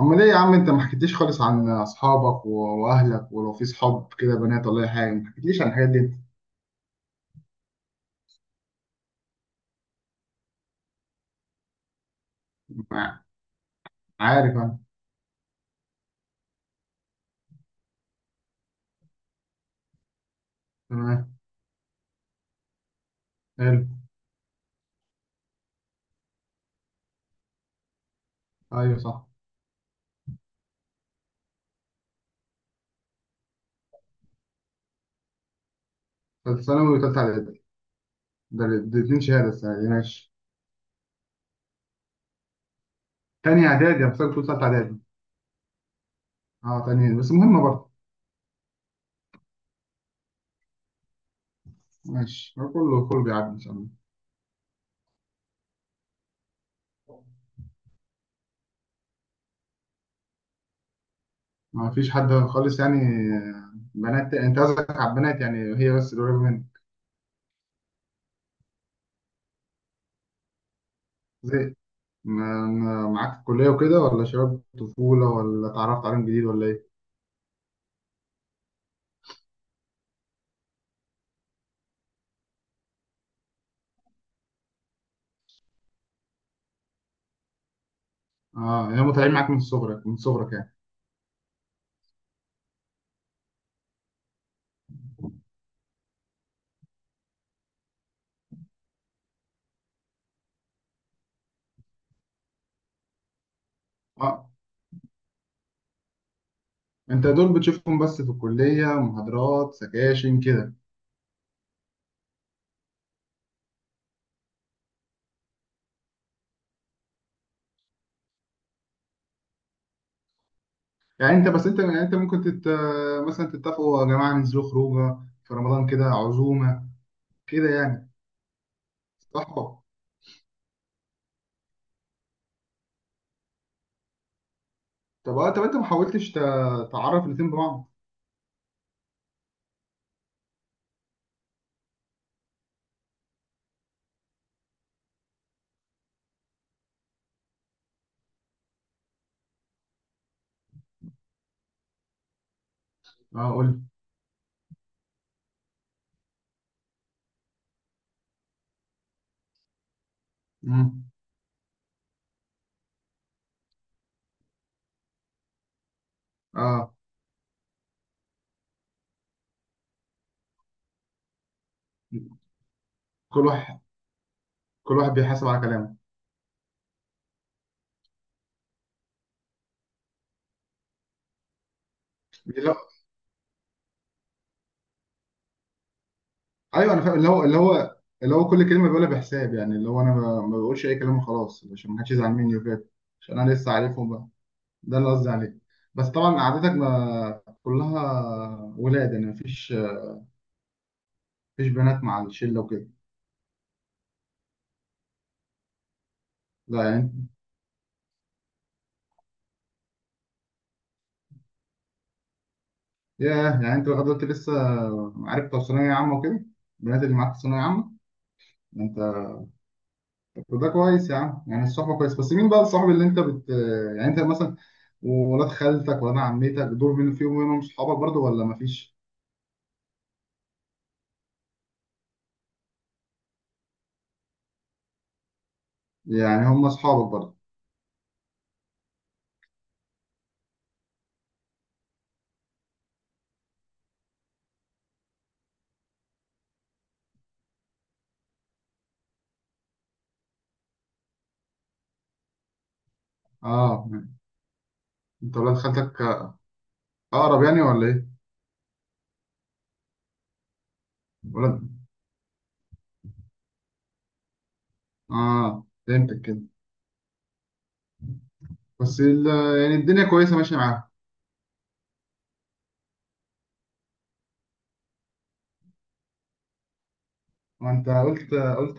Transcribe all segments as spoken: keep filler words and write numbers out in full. امال ايه يا عم انت ما حكيتليش خالص عن اصحابك و- واهلك، ولو في صحاب كده بنات ولا اي حاجه. ما حكيتليش عن الحاجات دي انت. ما- عارف انا. تمام. حلو. ايوه صح. ثالثه ثانوي وثالثه اعدادي. ده الاثنين شهاده السنه دي، ماشي. تاني اعدادي؟ انا فاكر كنت ثالثه اعدادي. اه تاني، بس مهمه برضه. ماشي، هو كله كله بيعدي ان شاء الله. ما فيش حد خالص يعني؟ آه، بنات انت قصدك، على البنات، يعني هي بس اللي قريبه منك؟ زي ما ما- معاك في الكليه وكده، ولا شباب طفوله، ولا اتعرفت عليهم جديد، ولا ايه؟ اه يعني هم طالعين معاك من صغرك من صغرك يعني. اه انت دول بتشوفهم بس في الكليه، محاضرات سكاشن كده. يعني انت بس انت يعني انت ممكن تت... مثلا تتفقوا: "أه يا جماعه ننزلوا خروجه، في رمضان كده عزومه كده يعني". صحبه. طب اه، طب انت ما حاولتش ت... تعرف الاتنين ببعض؟ اه قول لي. مم. اه كل واحد، كل واحد بيحاسب على كلامه. اللي هو- ايوه انا فاهم، اللي هو اللي هو اللي هو كل كلمه بيقولها بحساب، يعني اللي هو انا ما ما بقولش اي كلام وخلاص عشان ما حدش يزعل مني وكده. عشان انا لسه عارفهم، ده اللي قصدي عليه. بس طبعا قعدتك ما كلها ولاد يعني؟ مفيش مفيش بنات مع الشله وكده؟ لا يعني. ياه، يعني انت لغايه دلوقتي لسه عارف بتوع ثانويه عامه وكده؟ البنات اللي معاك في ثانويه عامه؟ ده انت! طب ده كويس يا عم، يعني الصحبه كويس. بس مين بقى الصاحب اللي انت بت، يعني انت مثلا؟ وولاد خالتك ولاد عمتك دول، مين فيهم منهم صحابك برضو ولا مفيش؟ يعني هم صحابك برضو؟ اه يعني انت ولاد خالتك اقرب يعني ولا ايه؟ ولاد. اه فهمتك كده. بس ال... يعني الدنيا كويسه ماشيه معاها. وانت قلت قلت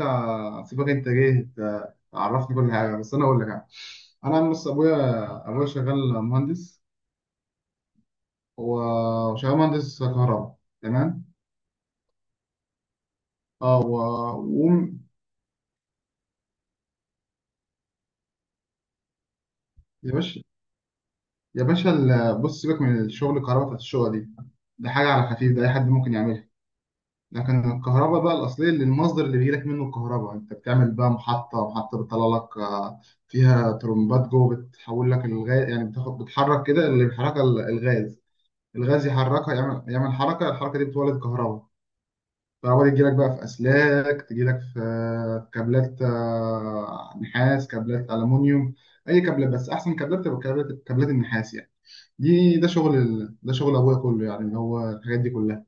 سيبك، انت جاي ت- تعرفني كل حاجه، بس انا اقول لك يعني. انا بص، ابويا، ابويا شغال مهندس. هو شغال مهندس كهرباء، تمام. اه و... و... يا باشا، يا باشا ال- بص، سيبك من الشغل الكهرباء بتاعت الشقه دي، ده حاجه على خفيف، ده اي حد ممكن يعملها. لكن الكهرباء بقى الأصلية، اللي المصدر اللي بيجيلك منه الكهرباء، أنت بتعمل بقى محطة، محطة بتطلع لك آه، فيها ترمبات جوه بتحول لك الغاز، يعني بتاخد بتحرك كده، اللي بيحركها ال- الغاز. الغاز يحركها، يعمل يعمل حركة، الحركة دي بتولد كهرباء. الكهرباء دي تجيلك بقى في أسلاك، تجيلك في آه، كابلات، آه، نحاس، كابلات ألمونيوم، أي كابلات. بس أحسن كابلات تبقى كابلات، كابلات النحاس يعني. دي ده شغل ال- ده شغل أبويا كله يعني، هو الحاجات دي كلها.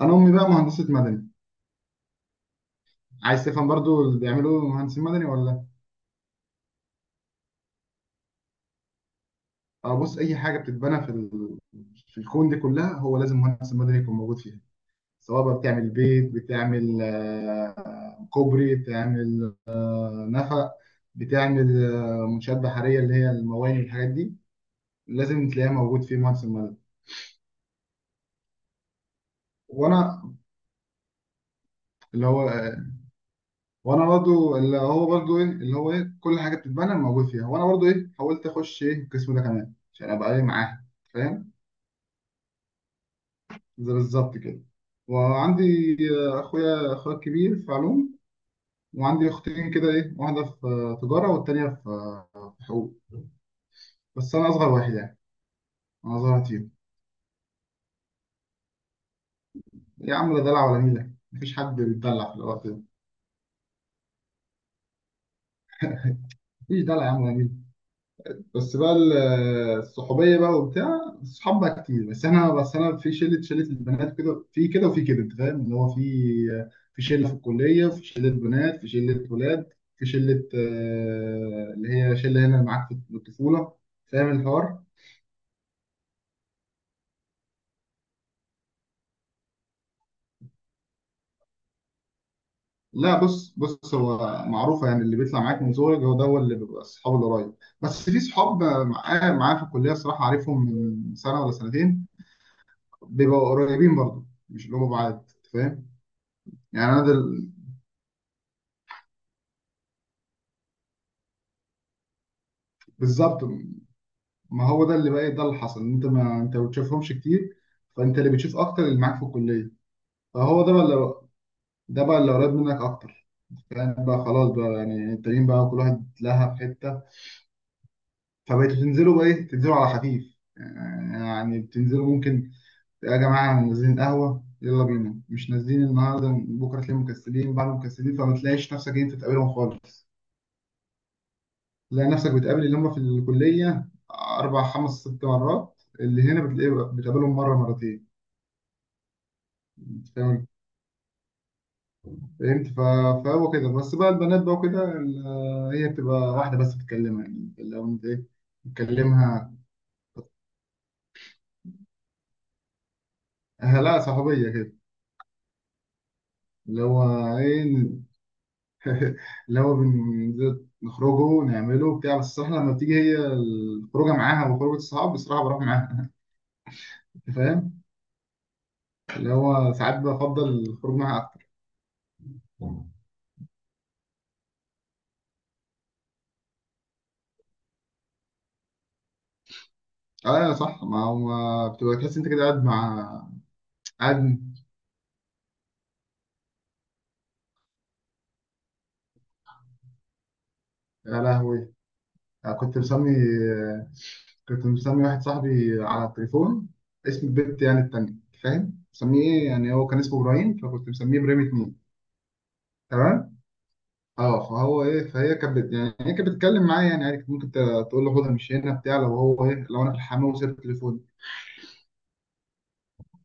أنا أمي بقى مهندسة مدني. عايز تفهم برضو اللي بيعمله مهندس مدني ولا؟ اه بص، اي حاجه بتتبنى في ال... في الكون دي كلها، هو لازم مهندس مدني يكون موجود فيها. سواء بقى بتعمل بيت، بتعمل آه، كوبري، بتعمل آه، نفق، بتعمل آه، منشآت بحريه اللي هي المواني والحاجات دي، لازم تلاقيها موجود في مهندس المدني. وانا اللي هو آه، وانا برضو اللي هو برضو ايه، اللي هو ايه كل حاجه بتتبنى موجود فيها، وانا برضو ايه حاولت اخش ايه القسم ده كمان عشان ابقى ايه معاها فاهم. زي بالظبط كده. وعندي آه، اخويا، اخويا الكبير في علوم. وعندي اختين كده ايه، واحده في آه، تجاره والتانيه في آه، في حقوق. بس انا اصغر واحد يعني. انا اصغر واحد فيهم. يا عم لا دلع ولا نيله، مفيش حد بيتدلع في الوقت ده. مفيش دلع يا عم ولا نيله. بس بقى ال- الصحوبيه بقى وبتاع الصحاب بقى كتير. بس احنا، بس انا في شله، شله البنات كده، في كده وفي كده، انت فاهم اللي هو، في في شله في الكليه، في شله بنات، في شله ولاد، في شله آه، اللي هي شله هنا معاك في الطفوله. فاهم الحوار. لا بص بص، هو معروفه يعني اللي بيطلع معاك من صغرك، هو ده هو اللي بيبقى الصحاب القريب. بس في صحاب معايا، معايا في الكليه الصراحه عارفهم من سنه ولا سنتين، بيبقوا قريبين برضه، مش اللي هم بعاد، أنت فاهم. يعني انا ده بالظبط. ما هو ده اللي بقى إيه، ده اللي حصل، ان انت ما انت ما بتشوفهمش كتير، فانت اللي بتشوف اكتر اللي معاك في الكليه. فهو ده بقى اللي، ده بقى اللي قريب منك اكتر. يعني بقى خلاص بقى، يعني التانيين بقى كل واحد لها في حته، فبقيتوا تنزلوا بقى ايه، تنزلوا على خفيف. يعني بتنزلوا ممكن، يا جماعه نازلين قهوه يلا بينا، مش نازلين النهارده، بكره تلاقيهم مكسلين، بعد مكسلين، فما تلاقيش نفسك إن انت تقابلهم خالص. تلاقي نفسك بتقابل اللي هم في الكلية أربع خمس ست مرات، اللي هنا بتلاقيه بتقابلهم مرة مرتين. فاهم. فهمت ف- فهو كده بس. بقى البنات بقى وكده ال- هي بتبقى واحدة بس بتكلمها يعني، لو أنت إيه، بتكلمها. آه، لا صحوبية كده. اللي هو إيه ن- اللي هو بن- نخرجوا نعمله بتاع. بس الصراحة لما بتيجي هي الخروجة معاها وخروجة الصحاب، بصراحة بروح معاها. أنت فاهم. اللي هو ساعات بفضل الخروج معاها أكتر. اه صح، ما هو ما بتبقى تحس انت كده قاعد مع قاعد. يا لهوي! كنت مسمي كنت مسمي واحد صاحبي على التليفون اسم البت يعني التانية، فاهم؟ مسميه ايه، يعني هو كان اسمه ابراهيم، فكنت مسميه ابراهيم اتنين. تمام. اه، فهو ايه، فهي كانت بت- يعني هي كانت بتتكلم معايا يعني عادي، كنت ممكن ت- تقول له خدها، مش هنا بتاع. لو هو ايه، لو انا في الحمام وسبت التليفون،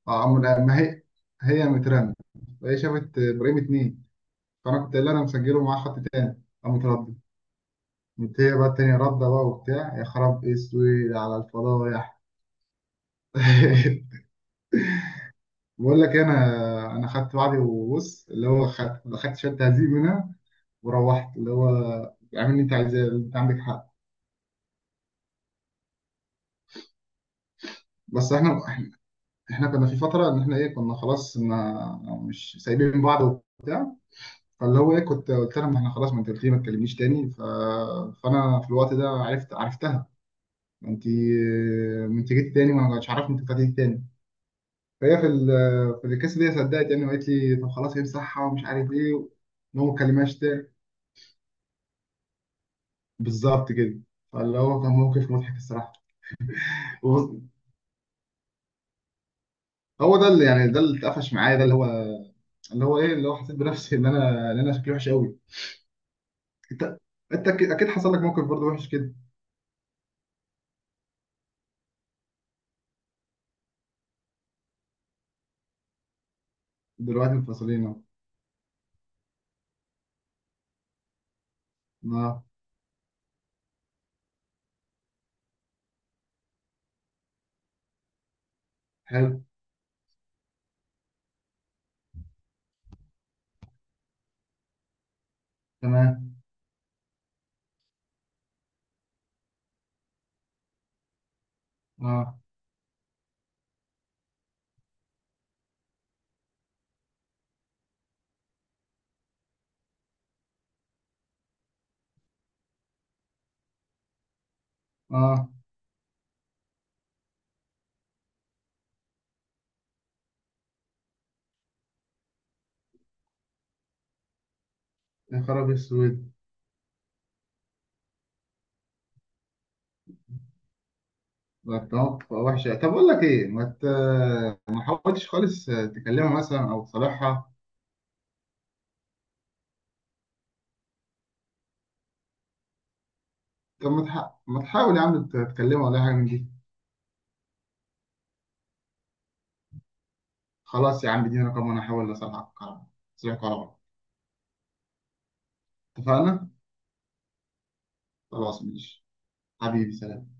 اه أما- لا، ما هي، هي مترن، فهي شافت ابراهيم اتنين. فانا كنت قايل لها انا مسجله معاه خط تاني قام متردد. قمت هي بقى التانية ردة بقى وبتاع، يا خراب اسود على الفضايح! بقول لك إيه، انا انا خدت بعضي، وبص اللي هو خدت خدت شويه تهذيب منها، وروحت اللي هو اعمل اللي انت عايزاه، انت عندك حق. بس احنا، احنا كنا في فتره ان احنا ايه كنا خلاص ما، مش سايبين بعض. فاللي هو ايه كنت قلت لها ما احنا خلاص، ما انت قلت لي ما تكلمنيش تاني، ف... فانا في الوقت ده عرفت عرفتها، ما انت، ما انت جيت تاني وانا مش عارف انت فاتت تاني. فهي في ال- في الكيس دي صدقت يعني، وقالت لي طب خلاص امسحها ومش عارف ايه و- ان هو ما اتكلمهاش تاني. بالظبط كده. فاللي هو كان موقف مضحك الصراحه. و- هو ده اللي يعني، ده اللي اتقفش معايا، ده اللي هو، اللي هو ايه اللي هو حسيت بنفسي ان انا، ان انا شكلي وحش قوي. انت، انت اكيد أكيد حصل لك موقف برضه وحش كده. دلوقتي منفصلين اهو. اه. حلو. تمام. اه. اه. يا خراب اسود! ده أنت موقف وحش! طب اقول لك ايه، ما ت- ما حاولتش خالص تكلمها مثلا او تصالحها؟ طب ما تح- ما تحاول يا عم تت- تكلمه ولا حاجه من دي؟ خلاص يا عم اديني رقم وانا هحاول اصلحك على- اصلحك على بعض. اتفقنا. خلاص ماشي. حبيبي سلام.